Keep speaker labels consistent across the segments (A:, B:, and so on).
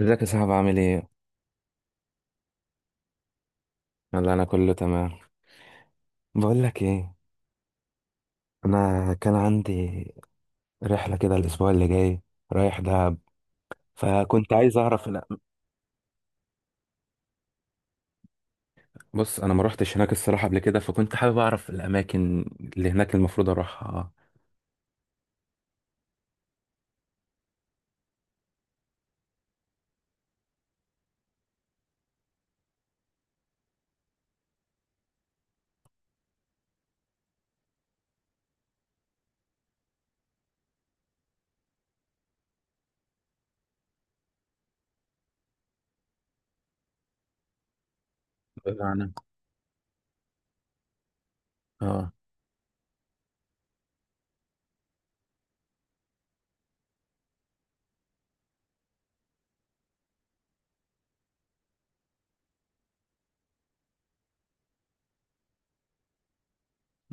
A: ازيك يا صاحبي؟ عامل ايه؟ يلا انا كله تمام. بقول لك ايه، انا كان عندي رحله كده الاسبوع اللي جاي، رايح دهب، فكنت عايز اعرف بص، انا ما روحتش هناك الصراحه قبل كده، فكنت حابب اعرف الاماكن اللي هناك المفروض اروحها. بمعنى اه،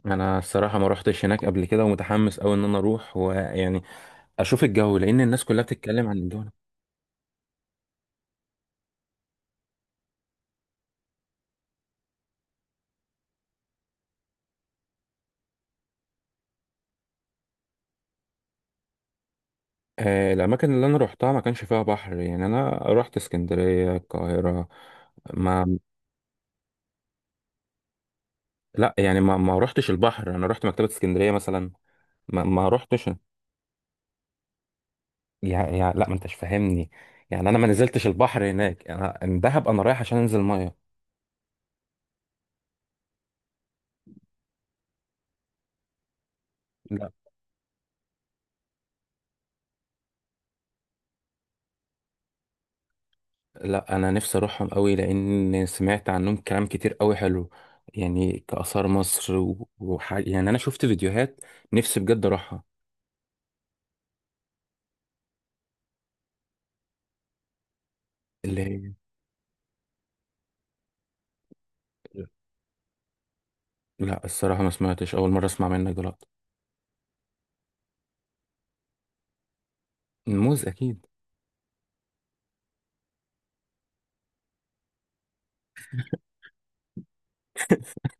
A: انا الصراحه ما روحتش هناك قبل كده ومتحمس قوي ان انا اروح ويعني اشوف الجو، لان الناس كلها بتتكلم عن الجو. آه، الاماكن اللي انا روحتها ما كانش فيها بحر، يعني انا رحت اسكندريه، القاهره. ما لا، يعني ما رحتش البحر، انا رحت مكتبة اسكندرية مثلا، ما رحتش. يعني لا، ما انتش فاهمني. يعني انا ما نزلتش البحر هناك، انا دهب انا رايح عشان انزل ميه. لا لا، انا نفسي اروحهم قوي، لان سمعت عنهم كلام كتير قوي حلو. يعني كآثار مصر وحاجة، يعني انا شفت فيديوهات، نفسي بجد اروحها. اللي هي لا، الصراحة ما سمعتش، اول مرة اسمع منك دلوقتي. الموز اكيد.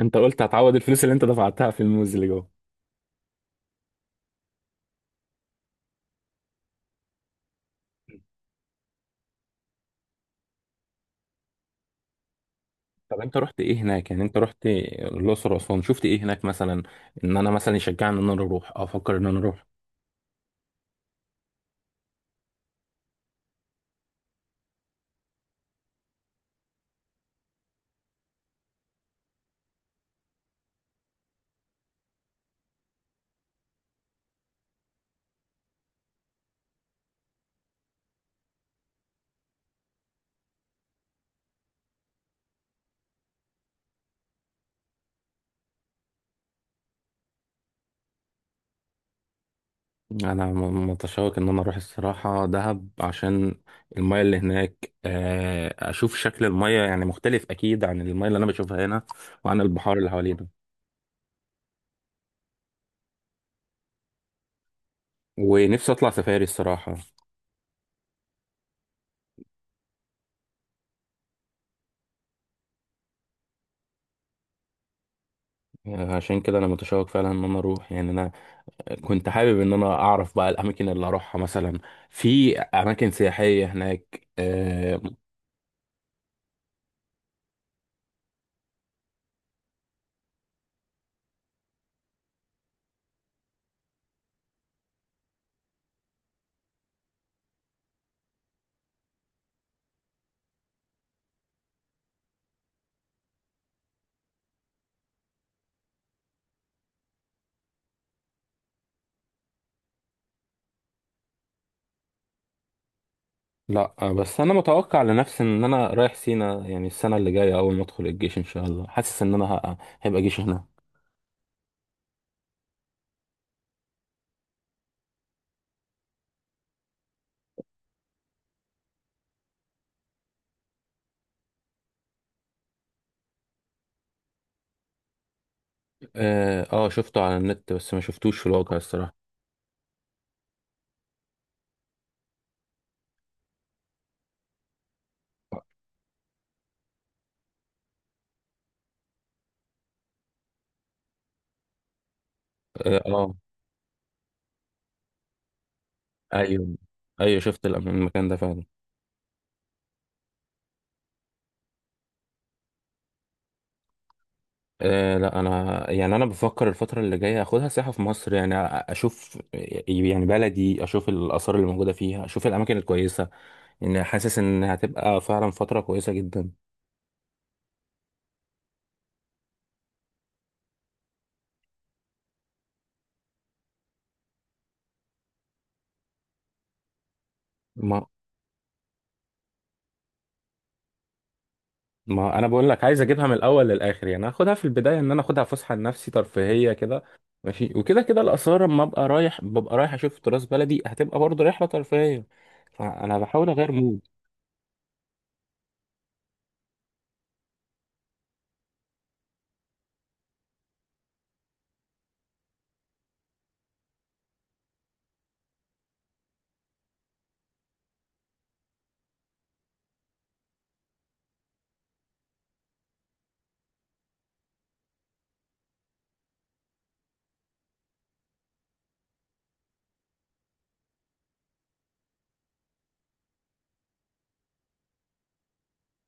A: انت قلت هتعوض الفلوس اللي انت دفعتها في الموز اللي جوه. طب انت رحت ايه هناك؟ يعني انت رحت الاقصر واسوان، شفت ايه هناك مثلا ان انا مثلا يشجعني ان انا اروح، افكر ان انا اروح. انا متشوق ان انا اروح الصراحه دهب، عشان المايه اللي هناك، اشوف شكل المايه، يعني مختلف اكيد عن المايه اللي انا بشوفها هنا وعن البحار اللي حوالينا. ونفسي اطلع سفاري الصراحه. عشان كده انا متشوق فعلا ان انا اروح، يعني انا كنت حابب ان انا اعرف بقى الاماكن اللي اروحها مثلا، في اماكن سياحيه هناك لا، بس انا متوقع لنفسي ان انا رايح سينا، يعني السنه اللي جايه اول ما ادخل الجيش ان شاء الله، حاسس ان انا هيبقى جيش هنا. اه، شفته على النت بس ما شفتوش في الواقع الصراحه. اه، آه، ايوه، ايوه شفت المكان ده فعلا. آه لا، انا يعني انا بفكر الفتره اللي جايه اخدها سياحه في مصر، يعني اشوف يعني بلدي، اشوف الاثار اللي موجوده فيها، اشوف الاماكن الكويسه. يعني حاسس ان هتبقى فعلا فتره كويسه جدا. ما انا بقول لك، عايز اجيبها من الاول للاخر، يعني اخدها في البدايه ان انا اخدها فسحه لنفسي ترفيهيه كده، ماشي، وكده كده الاثار لما ابقى رايح ببقى رايح اشوف تراث بلدي، هتبقى برضه رحله ترفيهيه، فانا بحاول اغير مود.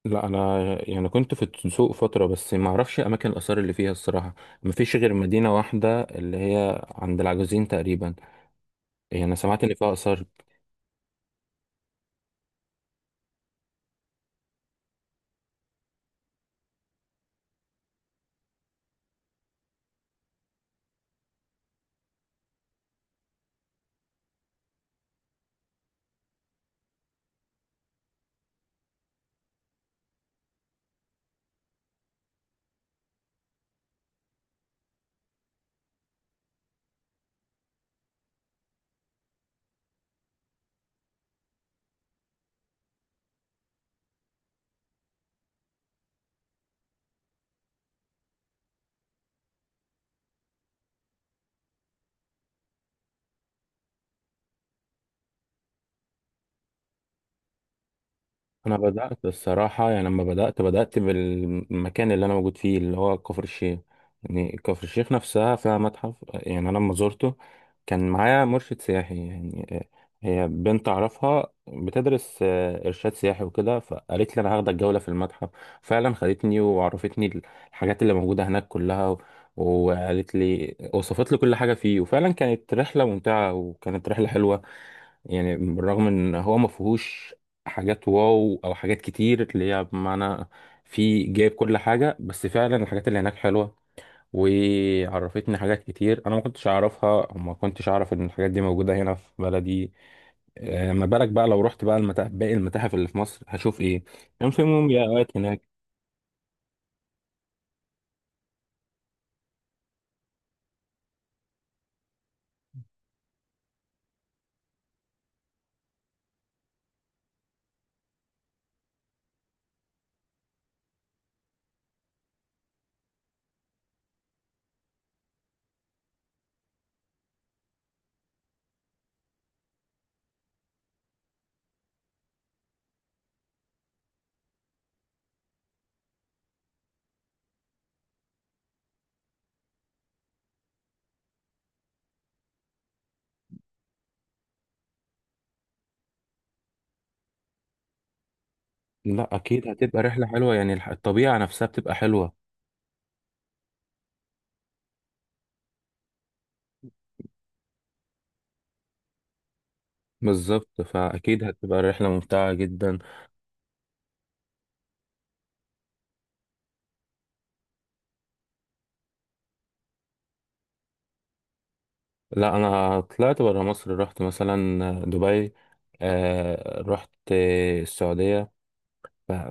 A: لا انا يعني كنت في السوق فتره، بس ما اعرفش اماكن الاثار اللي فيها الصراحه. ما فيش غير مدينه واحده اللي هي عند العجوزين تقريبا، يعني انا سمعت ان فيها اثار. انا بدات الصراحه، يعني لما بدات، بدات بالمكان اللي انا موجود فيه اللي هو كفر الشيخ. يعني كفر الشيخ نفسها فيها متحف. يعني انا لما زرته كان معايا مرشد سياحي، يعني هي بنت اعرفها بتدرس ارشاد سياحي وكده، فقالت لي انا هاخدك جوله في المتحف. فعلا خدتني وعرفتني الحاجات اللي موجوده هناك كلها، وقالت لي، وصفت لي كل حاجه فيه، وفعلا كانت رحله ممتعه وكانت رحله حلوه. يعني بالرغم ان هو ما فيهوش حاجات واو او حاجات كتير اللي هي بمعنى فيه جايب كل حاجه، بس فعلا الحاجات اللي هناك حلوه، وعرفتني حاجات كتير انا ما كنتش اعرفها وما كنتش اعرف ان الحاجات دي موجوده هنا في بلدي. ما بالك بقى لو رحت بقى المتاحف، باقي المتاحف اللي في مصر، هشوف ايه؟ كان في مومياوات هناك. لا اكيد هتبقى رحله حلوه، يعني الطبيعه نفسها بتبقى حلوه. بالظبط، فاكيد هتبقى رحله ممتعه جدا. لا انا طلعت برا مصر، رحت مثلا دبي، رحت السعوديه،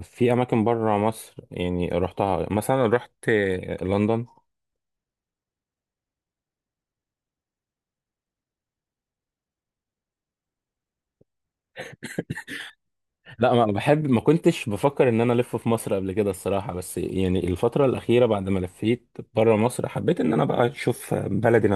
A: في اماكن برا مصر يعني رحتها، مثلا رحت لندن. لا ما بحب، ما كنتش بفكر ان انا الف في مصر قبل كده الصراحه، بس يعني الفتره الاخيره بعد ما لفيت برا مصر حبيت ان انا بقى اشوف بلدي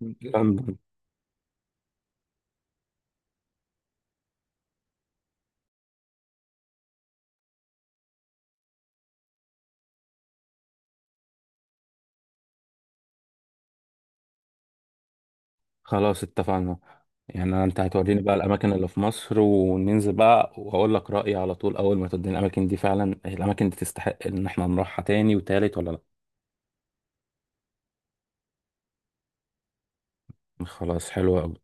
A: نفسها. خلاص اتفقنا، يعني انت هتوريني بقى الاماكن اللي في مصر وننزل بقى، واقول لك رايي على طول اول ما توديني الاماكن دي، فعلا الاماكن دي تستحق ان احنا نروحها تاني وتالت ولا لا. خلاص حلو قوي.